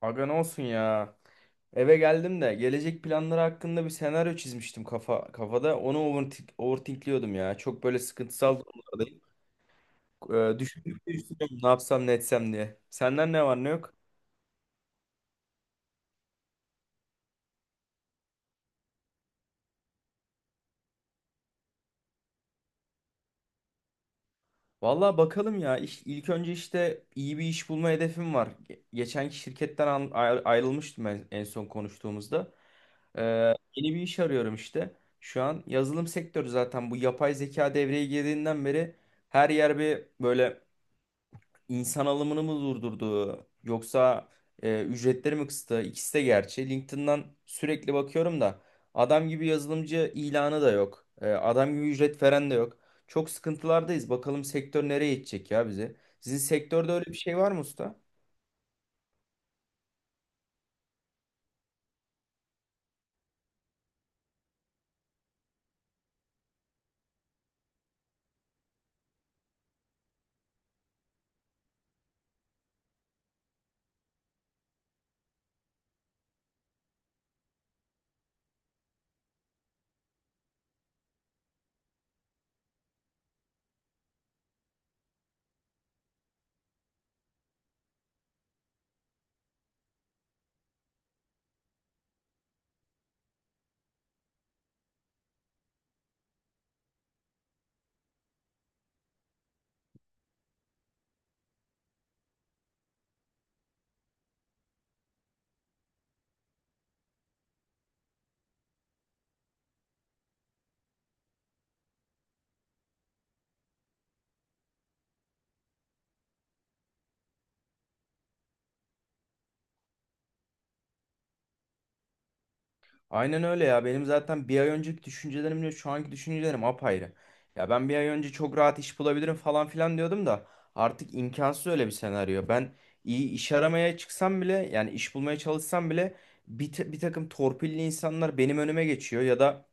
Aga ne olsun ya. Eve geldim de gelecek planları hakkında bir senaryo çizmiştim kafa kafada. Onu overthinkliyordum ya. Çok böyle sıkıntısal durumlardayım. Düşündükçe düşünüyorum ne yapsam ne etsem diye. Senden ne var ne yok? Vallahi bakalım ya. İş, ilk önce işte iyi bir iş bulma hedefim var. Geçenki şirketten ayrılmıştım en son konuştuğumuzda. Ee, yeni bir iş arıyorum işte. Şu an yazılım sektörü zaten bu yapay zeka devreye girdiğinden beri her yer bir böyle insan alımını mı durdurdu yoksa ücretleri mi kıstı? İkisi de gerçi. LinkedIn'dan sürekli bakıyorum da adam gibi yazılımcı ilanı da yok. Adam gibi ücret veren de yok. Çok sıkıntılardayız. Bakalım sektör nereye gidecek ya bizi. Sizin sektörde öyle bir şey var mı usta? Aynen öyle ya. Benim zaten bir ay önceki düşüncelerimle şu anki düşüncelerim apayrı. Ya ben bir ay önce çok rahat iş bulabilirim falan filan diyordum da artık imkansız öyle bir senaryo. Ben iyi iş aramaya çıksam bile yani iş bulmaya çalışsam bile bir takım torpilli insanlar benim önüme geçiyor ya da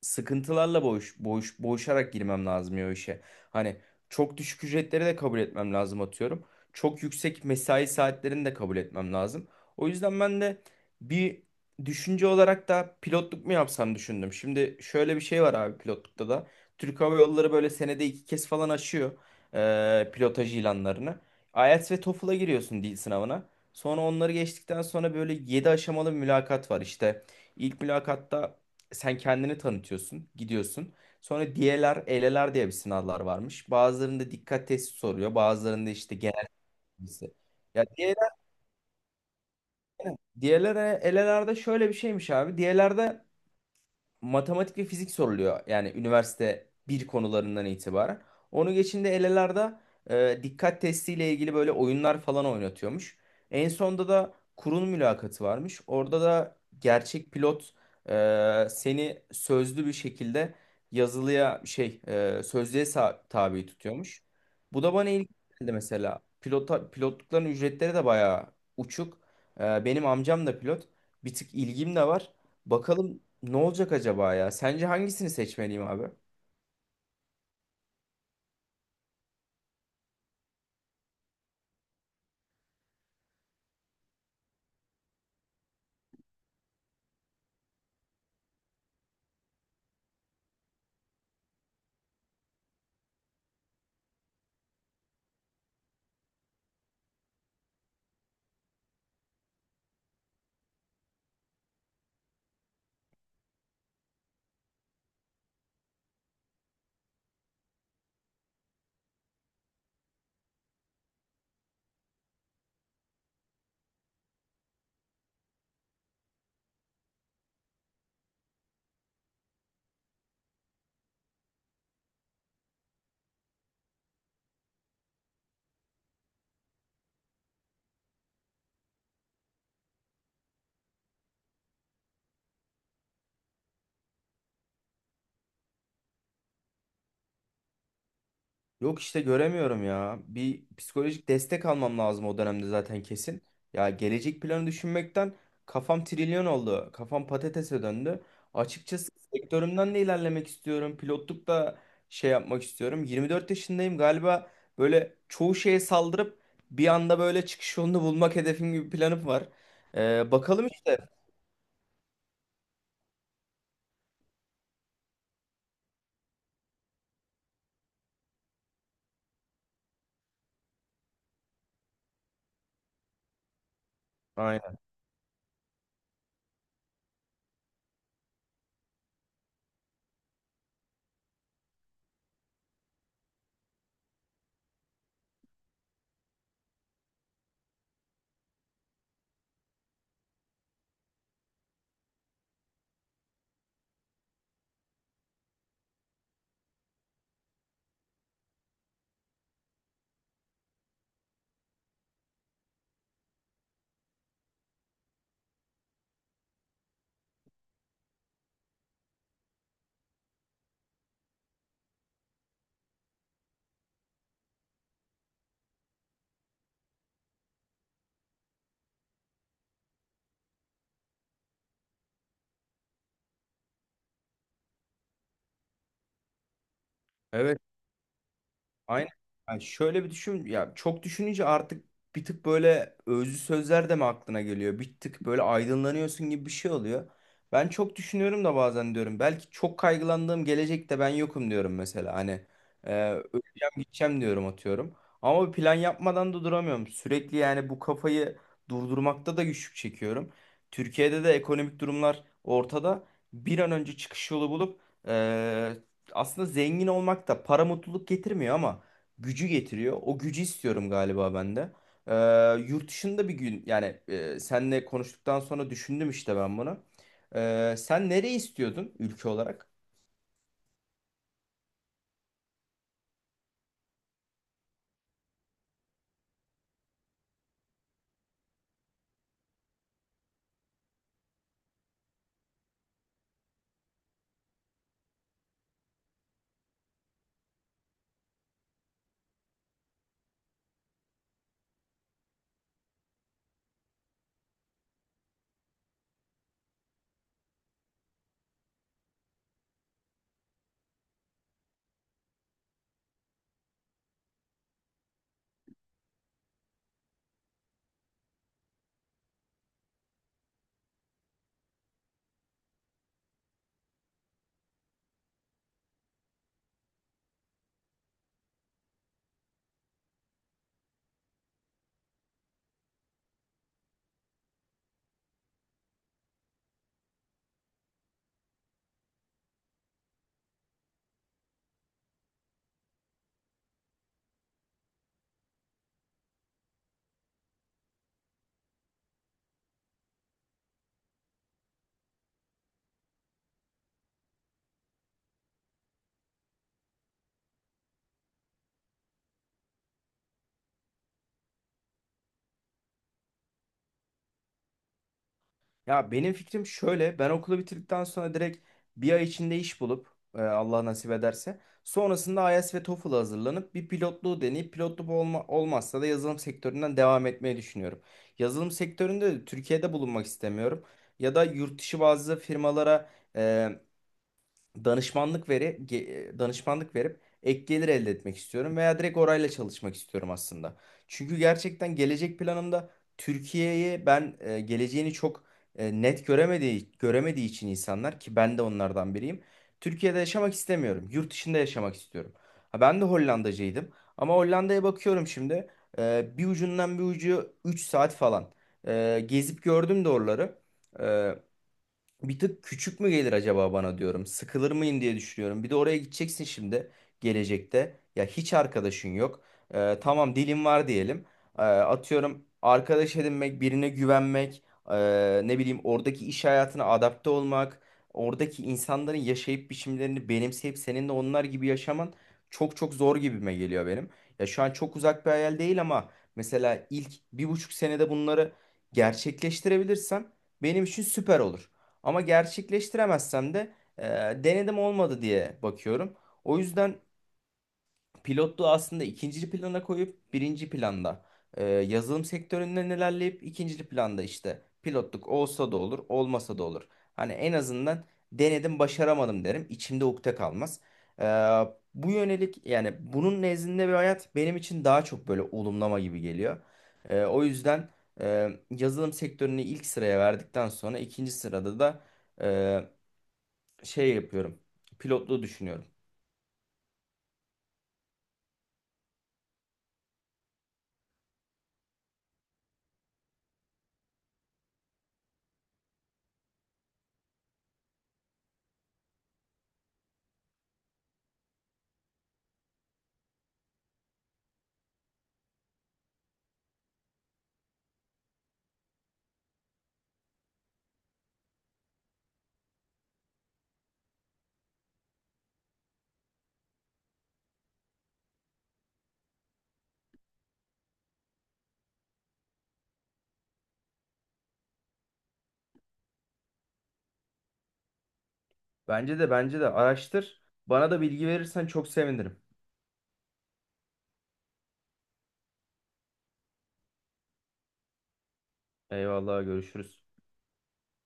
sıkıntılarla boğuşarak girmem lazım ya o işe. Hani çok düşük ücretleri de kabul etmem lazım atıyorum. Çok yüksek mesai saatlerini de kabul etmem lazım. O yüzden ben de bir düşünce olarak da pilotluk mu yapsam düşündüm. Şimdi şöyle bir şey var abi pilotlukta da. Türk Hava Yolları böyle senede iki kez falan açıyor pilotaj ilanlarını. IELTS ve TOEFL'a giriyorsun dil sınavına. Sonra onları geçtikten sonra böyle 7 aşamalı bir mülakat var işte. İlk mülakatta sen kendini tanıtıyorsun, gidiyorsun. Sonra DLR, ELE'ler diye bir sınavlar varmış. Bazılarında dikkat testi soruyor, bazılarında işte genel bilgisi. Ya DLR, ELE'lerde şöyle bir şeymiş abi. DLR'de matematik ve fizik soruluyor. Yani üniversite bir konularından itibaren. Onu geçinde elelarda dikkat testiyle ilgili böyle oyunlar falan oynatıyormuş. En sonda da kurul mülakatı varmış. Orada da gerçek pilot seni sözlü bir şekilde yazılıya sözlüğe tabi tutuyormuş. Bu da bana ilginç geldi mesela. Pilotlukların ücretleri de bayağı uçuk. Benim amcam da pilot. Bir tık ilgim de var. Bakalım ne olacak acaba ya? Sence hangisini seçmeliyim abi? Yok işte göremiyorum ya. Bir psikolojik destek almam lazım o dönemde zaten kesin. Ya gelecek planı düşünmekten kafam trilyon oldu. Kafam patatese döndü. Açıkçası sektörümden de ilerlemek istiyorum. Pilotluk da şey yapmak istiyorum. 24 yaşındayım galiba böyle çoğu şeye saldırıp bir anda böyle çıkış yolunu bulmak hedefim gibi bir planım var. Bakalım işte. Aynen. Evet. Aynen. Yani şöyle bir düşün ya çok düşününce artık bir tık böyle özlü sözler de mi aklına geliyor? Bir tık böyle aydınlanıyorsun gibi bir şey oluyor. Ben çok düşünüyorum da bazen diyorum belki çok kaygılandığım gelecekte ben yokum diyorum mesela hani öleceğim gideceğim diyorum atıyorum. Ama bir plan yapmadan da duramıyorum. Sürekli yani bu kafayı durdurmakta da güçlük çekiyorum. Türkiye'de de ekonomik durumlar ortada. Bir an önce çıkış yolu bulup e, aslında zengin olmak da para mutluluk getirmiyor ama gücü getiriyor. O gücü istiyorum galiba ben de. Ee, yurt dışında bir gün yani senle konuştuktan sonra düşündüm işte ben bunu. Sen nereyi istiyordun ülke olarak? Ya benim fikrim şöyle. Ben okulu bitirdikten sonra direkt bir ay içinde iş bulup Allah nasip ederse sonrasında IELTS ve TOEFL hazırlanıp bir pilotluğu deneyip olmazsa da yazılım sektöründen devam etmeyi düşünüyorum. Yazılım sektöründe de Türkiye'de bulunmak istemiyorum. Ya da yurt dışı bazı firmalara e, danışmanlık verip ek gelir elde etmek istiyorum veya direkt orayla çalışmak istiyorum aslında. Çünkü gerçekten gelecek planımda Türkiye'yi ben geleceğini çok net göremediği için insanlar ki ben de onlardan biriyim. Türkiye'de yaşamak istemiyorum. Yurt dışında yaşamak istiyorum. Ha, ben de Hollandacıydım ama Hollanda'ya bakıyorum şimdi. Bir ucundan bir ucu 3 saat falan. Gezip gördüm de oraları. E, bir tık küçük mü gelir acaba bana diyorum. Sıkılır mıyım diye düşünüyorum. Bir de oraya gideceksin şimdi gelecekte. Ya hiç arkadaşın yok. Tamam dilin var diyelim. Atıyorum arkadaş edinmek, birine güvenmek, ne bileyim oradaki iş hayatına adapte olmak, oradaki insanların yaşayıp biçimlerini benimseyip senin de onlar gibi yaşaman çok çok zor gibime geliyor benim. Ya şu an çok uzak bir hayal değil ama mesela ilk 1,5 senede bunları gerçekleştirebilirsem benim için süper olur. Ama gerçekleştiremezsem de e, denedim olmadı diye bakıyorum. O yüzden pilotluğu aslında ikinci plana koyup birinci planda yazılım sektöründen ilerleyip ikinci planda işte pilotluk olsa da olur olmasa da olur. Hani en azından denedim başaramadım derim içimde ukde kalmaz. E, bu yönelik yani bunun nezdinde bir hayat benim için daha çok böyle olumlama gibi geliyor. O yüzden yazılım sektörünü ilk sıraya verdikten sonra ikinci sırada da şey yapıyorum. Pilotluğu düşünüyorum. Bence de araştır. Bana da bilgi verirsen çok sevinirim. Eyvallah görüşürüz.